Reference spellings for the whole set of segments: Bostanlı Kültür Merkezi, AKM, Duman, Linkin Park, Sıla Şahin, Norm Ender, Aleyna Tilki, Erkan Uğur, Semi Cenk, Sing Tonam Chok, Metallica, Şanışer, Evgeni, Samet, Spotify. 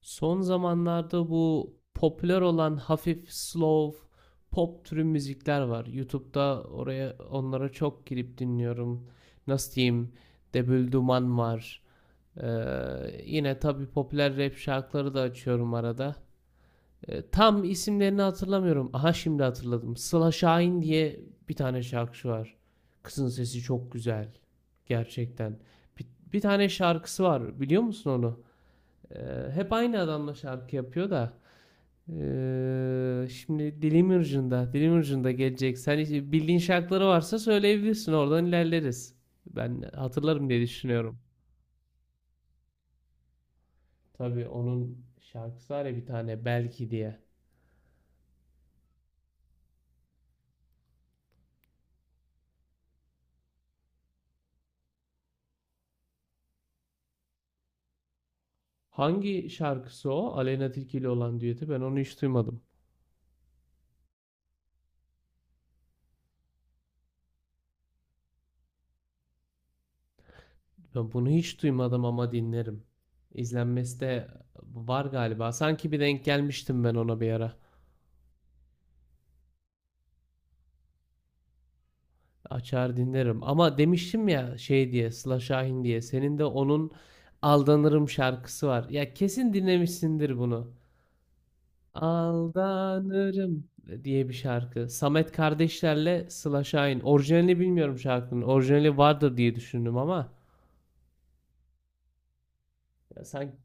Son zamanlarda bu popüler olan hafif slow pop türü müzikler var. YouTube'da oraya onlara çok girip dinliyorum. Nasıl diyeyim? Debül Duman var. Ee, yine tabii popüler rap şarkıları da açıyorum arada. Tam isimlerini hatırlamıyorum. Aha şimdi hatırladım. Sıla Şahin diye bir tane şarkıcı var. Kızın sesi çok güzel. Gerçekten. Bir, bir tane şarkısı var. Biliyor musun onu? Hep aynı adamla şarkı yapıyor da. Şimdi dilim ucunda gelecek. Sen bildiğin şarkıları varsa söyleyebilirsin. Oradan ilerleriz. Ben hatırlarım diye düşünüyorum. Tabii onun şarkısı var ya bir tane belki diye. Hangi şarkısı o? Aleyna Tilki ile olan düeti ben onu hiç duymadım. Ben bunu hiç duymadım ama dinlerim. İzlenmesi de var galiba. Sanki bir denk gelmiştim ben ona bir ara. Açar dinlerim. Ama demiştim ya şey diye Sıla Şahin diye. Senin de onun Aldanırım şarkısı var. Ya kesin dinlemişsindir bunu. Aldanırım diye bir şarkı. Samet kardeşlerle Sıla Şahin. Orijinalini bilmiyorum şarkının. Orijinali vardır diye düşündüm ama ya sanki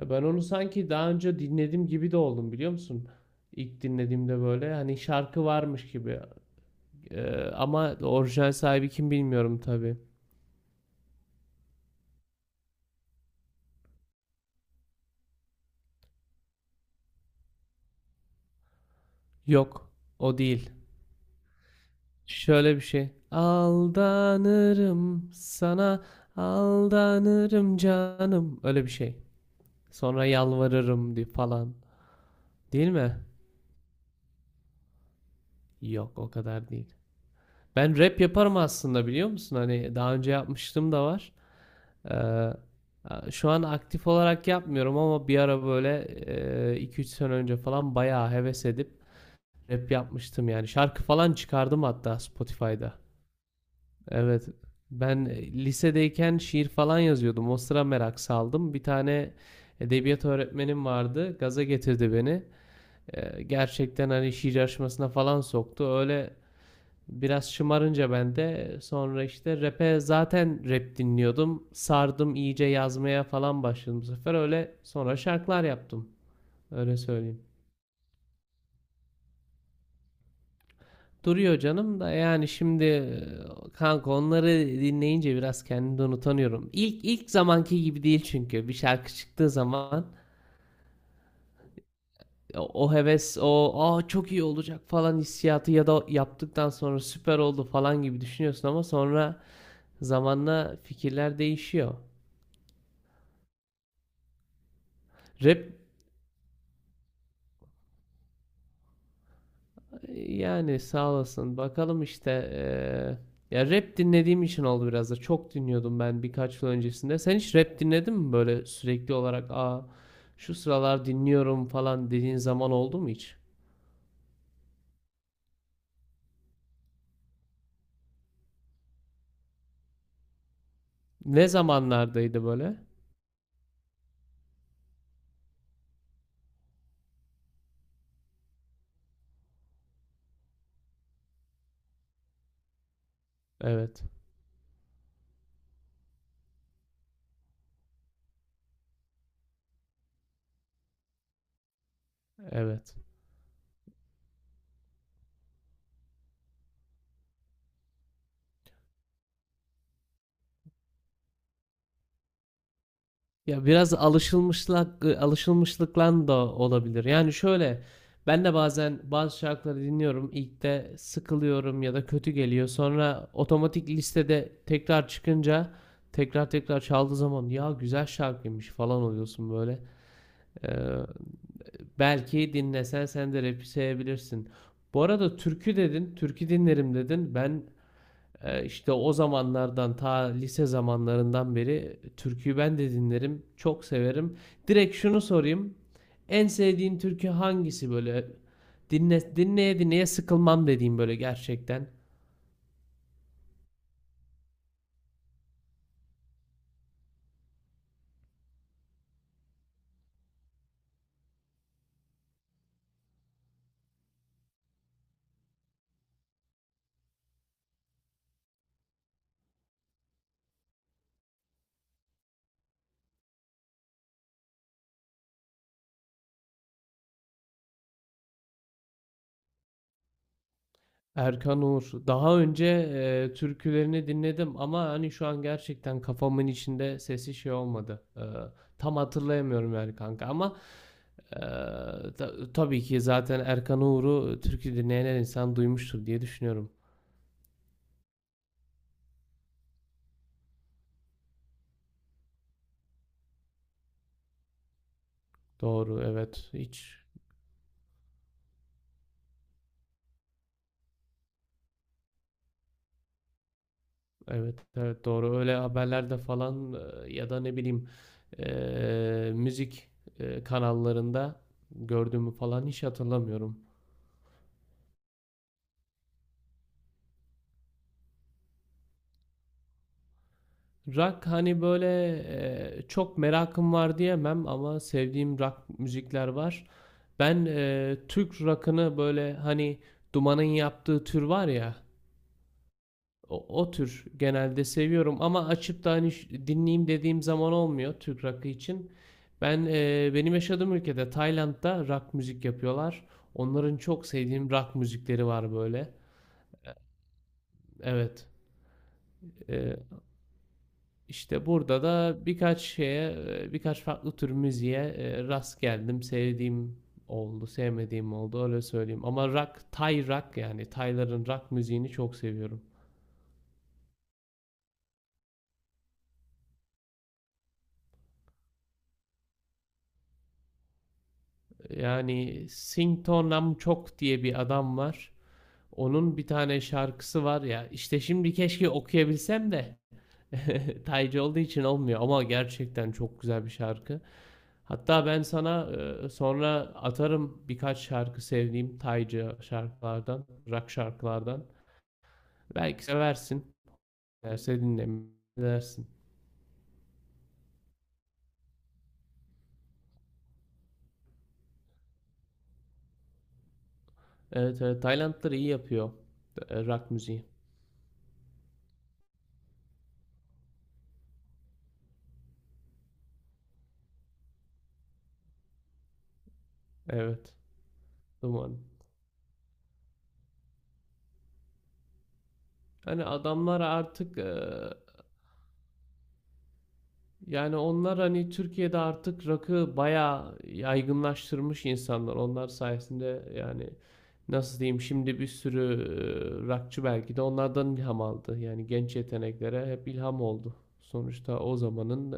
ya ben onu sanki daha önce dinledim gibi de oldum biliyor musun? İlk dinlediğimde böyle hani şarkı varmış gibi. Ama orijinal sahibi kim bilmiyorum tabii. Yok, o değil. Şöyle bir şey. Aldanırım sana, aldanırım canım. Öyle bir şey. Sonra yalvarırım diye falan. Değil mi? Yok, o kadar değil. Ben rap yaparım aslında biliyor musun? Hani daha önce yapmıştım da var. Ee, şu an aktif olarak yapmıyorum ama bir ara böyle iki üç sene önce falan bayağı heves edip rap yapmıştım yani. Şarkı falan çıkardım hatta Spotify'da. Evet. Ben lisedeyken şiir falan yazıyordum. O sıra merak saldım. Bir tane edebiyat öğretmenim vardı. Gaza getirdi beni. Gerçekten hani şiir yarışmasına falan soktu. Öyle biraz şımarınca ben de sonra işte rap'e zaten rap dinliyordum. Sardım iyice yazmaya falan başladım bu sefer. Öyle sonra şarkılar yaptım. Öyle söyleyeyim. Duruyor canım da yani şimdi kanka onları dinleyince biraz kendimden utanıyorum. İlk zamanki gibi değil çünkü bir şarkı çıktığı zaman o heves o aa çok iyi olacak falan hissiyatı ya da yaptıktan sonra süper oldu falan gibi düşünüyorsun ama sonra zamanla fikirler değişiyor. Rap Yani sağ olasın. Bakalım işte ya rap dinlediğim için oldu biraz da. Çok dinliyordum ben birkaç yıl öncesinde. Sen hiç rap dinledin mi böyle sürekli olarak? Aa, şu sıralar dinliyorum falan dediğin zaman oldu mu hiç? Ne zamanlardaydı böyle? Evet. Evet. Ya biraz alışılmışlık alışılmışlıklan da olabilir. Yani şöyle ben de bazen bazı şarkıları dinliyorum. İlk de sıkılıyorum ya da kötü geliyor. Sonra otomatik listede tekrar çıkınca tekrar tekrar çaldığı zaman ya güzel şarkıymış falan oluyorsun böyle. Ee, belki dinlesen sen de rap'i sevebilirsin. Bu arada türkü dedin, türkü dinlerim dedin. Ben İşte o zamanlardan ta lise zamanlarından beri türküyü ben de dinlerim. Çok severim. Direkt şunu sorayım. En sevdiğin türkü hangisi böyle? Dinle, dinleye dinleye sıkılmam dediğim böyle gerçekten. Erkan Uğur. Daha önce türkülerini dinledim ama hani şu an gerçekten kafamın içinde sesi şey olmadı. Tam hatırlayamıyorum yani kanka ama eee, tabii ki zaten Erkan Uğur'u türkü dinleyen her insan duymuştur diye düşünüyorum. Doğru, evet, hiç, evet, evet, doğru, öyle haberlerde falan ya da ne bileyim müzik kanallarında gördüğümü falan hiç hatırlamıyorum. Rock hani böyle çok merakım var diyemem ama sevdiğim rock müzikler var. Ben Türk rock'ını böyle hani Duman'ın yaptığı tür var ya. O, o tür genelde seviyorum ama açıp da hani dinleyeyim dediğim zaman olmuyor Türk rock'ı için. Ben benim yaşadığım ülkede Tayland'da rock müzik yapıyorlar. Onların çok sevdiğim rock müzikleri var böyle. Evet. E, işte burada da birkaç şeye, birkaç farklı tür müziğe rast geldim. Sevdiğim oldu, sevmediğim oldu öyle söyleyeyim. Ama rock, Tay rock yani Tayların rock müziğini çok seviyorum. Yani Sing Tonam Chok diye bir adam var. Onun bir tane şarkısı var ya. İşte şimdi keşke okuyabilsem de taycı olduğu için olmuyor ama gerçekten çok güzel bir şarkı. Hatta ben sana sonra atarım birkaç şarkı sevdiğim taycı şarkılardan, rock şarkılardan. Belki seversin. Severse dinlersin. Evet, evet, Taylandlar iyi yapıyor rock müziği. Evet. Duman. Hani adamlar artık yani onlar hani Türkiye'de artık rakı bayağı yaygınlaştırmış insanlar. Onlar sayesinde yani nasıl diyeyim şimdi bir sürü rakçı belki de onlardan ilham aldı. Yani genç yeteneklere hep ilham oldu. Sonuçta o zamanın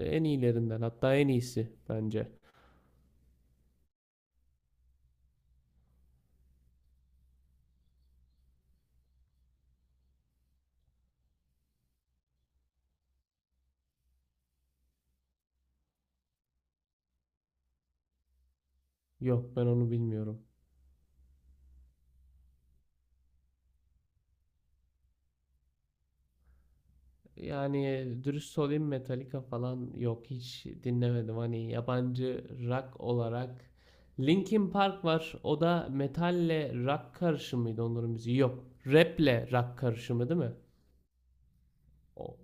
en iyilerinden hatta en iyisi bence. Yok, ben onu bilmiyorum. Yani dürüst olayım, Metallica falan yok, hiç dinlemedim. Hani yabancı rock olarak Linkin Park var. O da metalle rock karışımıydı onların müziği. Yok. Rap'le rock karışımı değil mi? O.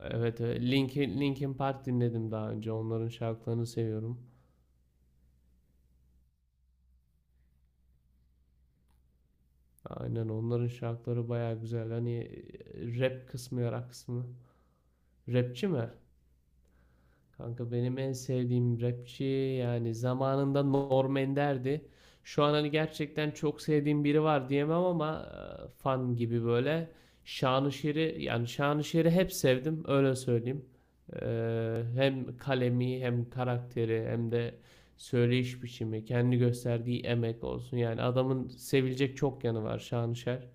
Evet, evet. Linkin Park dinledim daha önce. Onların şarkılarını seviyorum. Aynen onların şarkıları baya güzel. Hani rap kısmı, rock kısmı. Rapçi mi? Kanka benim en sevdiğim rapçi yani zamanında Norm Ender'di. Şu an hani gerçekten çok sevdiğim biri var diyemem ama fan gibi böyle. Şanışer'i yani Şanışer'i hep sevdim öyle söyleyeyim. E, hem kalemi hem karakteri hem de söyleyiş biçimi kendi gösterdiği emek olsun. Yani adamın sevilecek çok yanı var, Şanışer.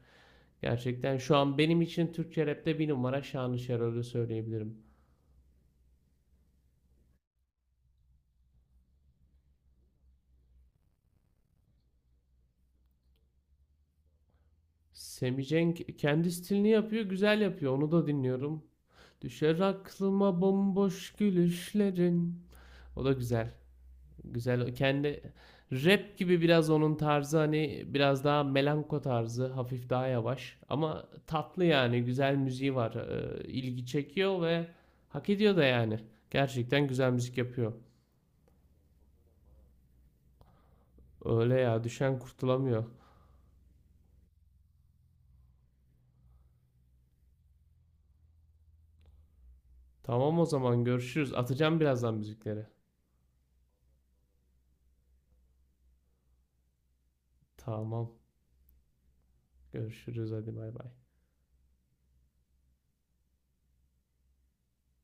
Gerçekten şu an benim için Türkçe rapte bir numara Şanışer, öyle söyleyebilirim. Semi Cenk kendi stilini yapıyor, güzel yapıyor. Onu da dinliyorum. Düşer aklıma bomboş gülüşlerin. O da güzel. Güzel. Kendi rap gibi biraz onun tarzı, hani biraz daha melanko tarzı, hafif daha yavaş ama tatlı yani. Güzel müziği var. İlgi çekiyor ve hak ediyor da yani. Gerçekten güzel müzik yapıyor. Öyle ya, düşen kurtulamıyor. Tamam, o zaman görüşürüz. Atacağım birazdan müzikleri. Tamam. Görüşürüz, hadi bay bay.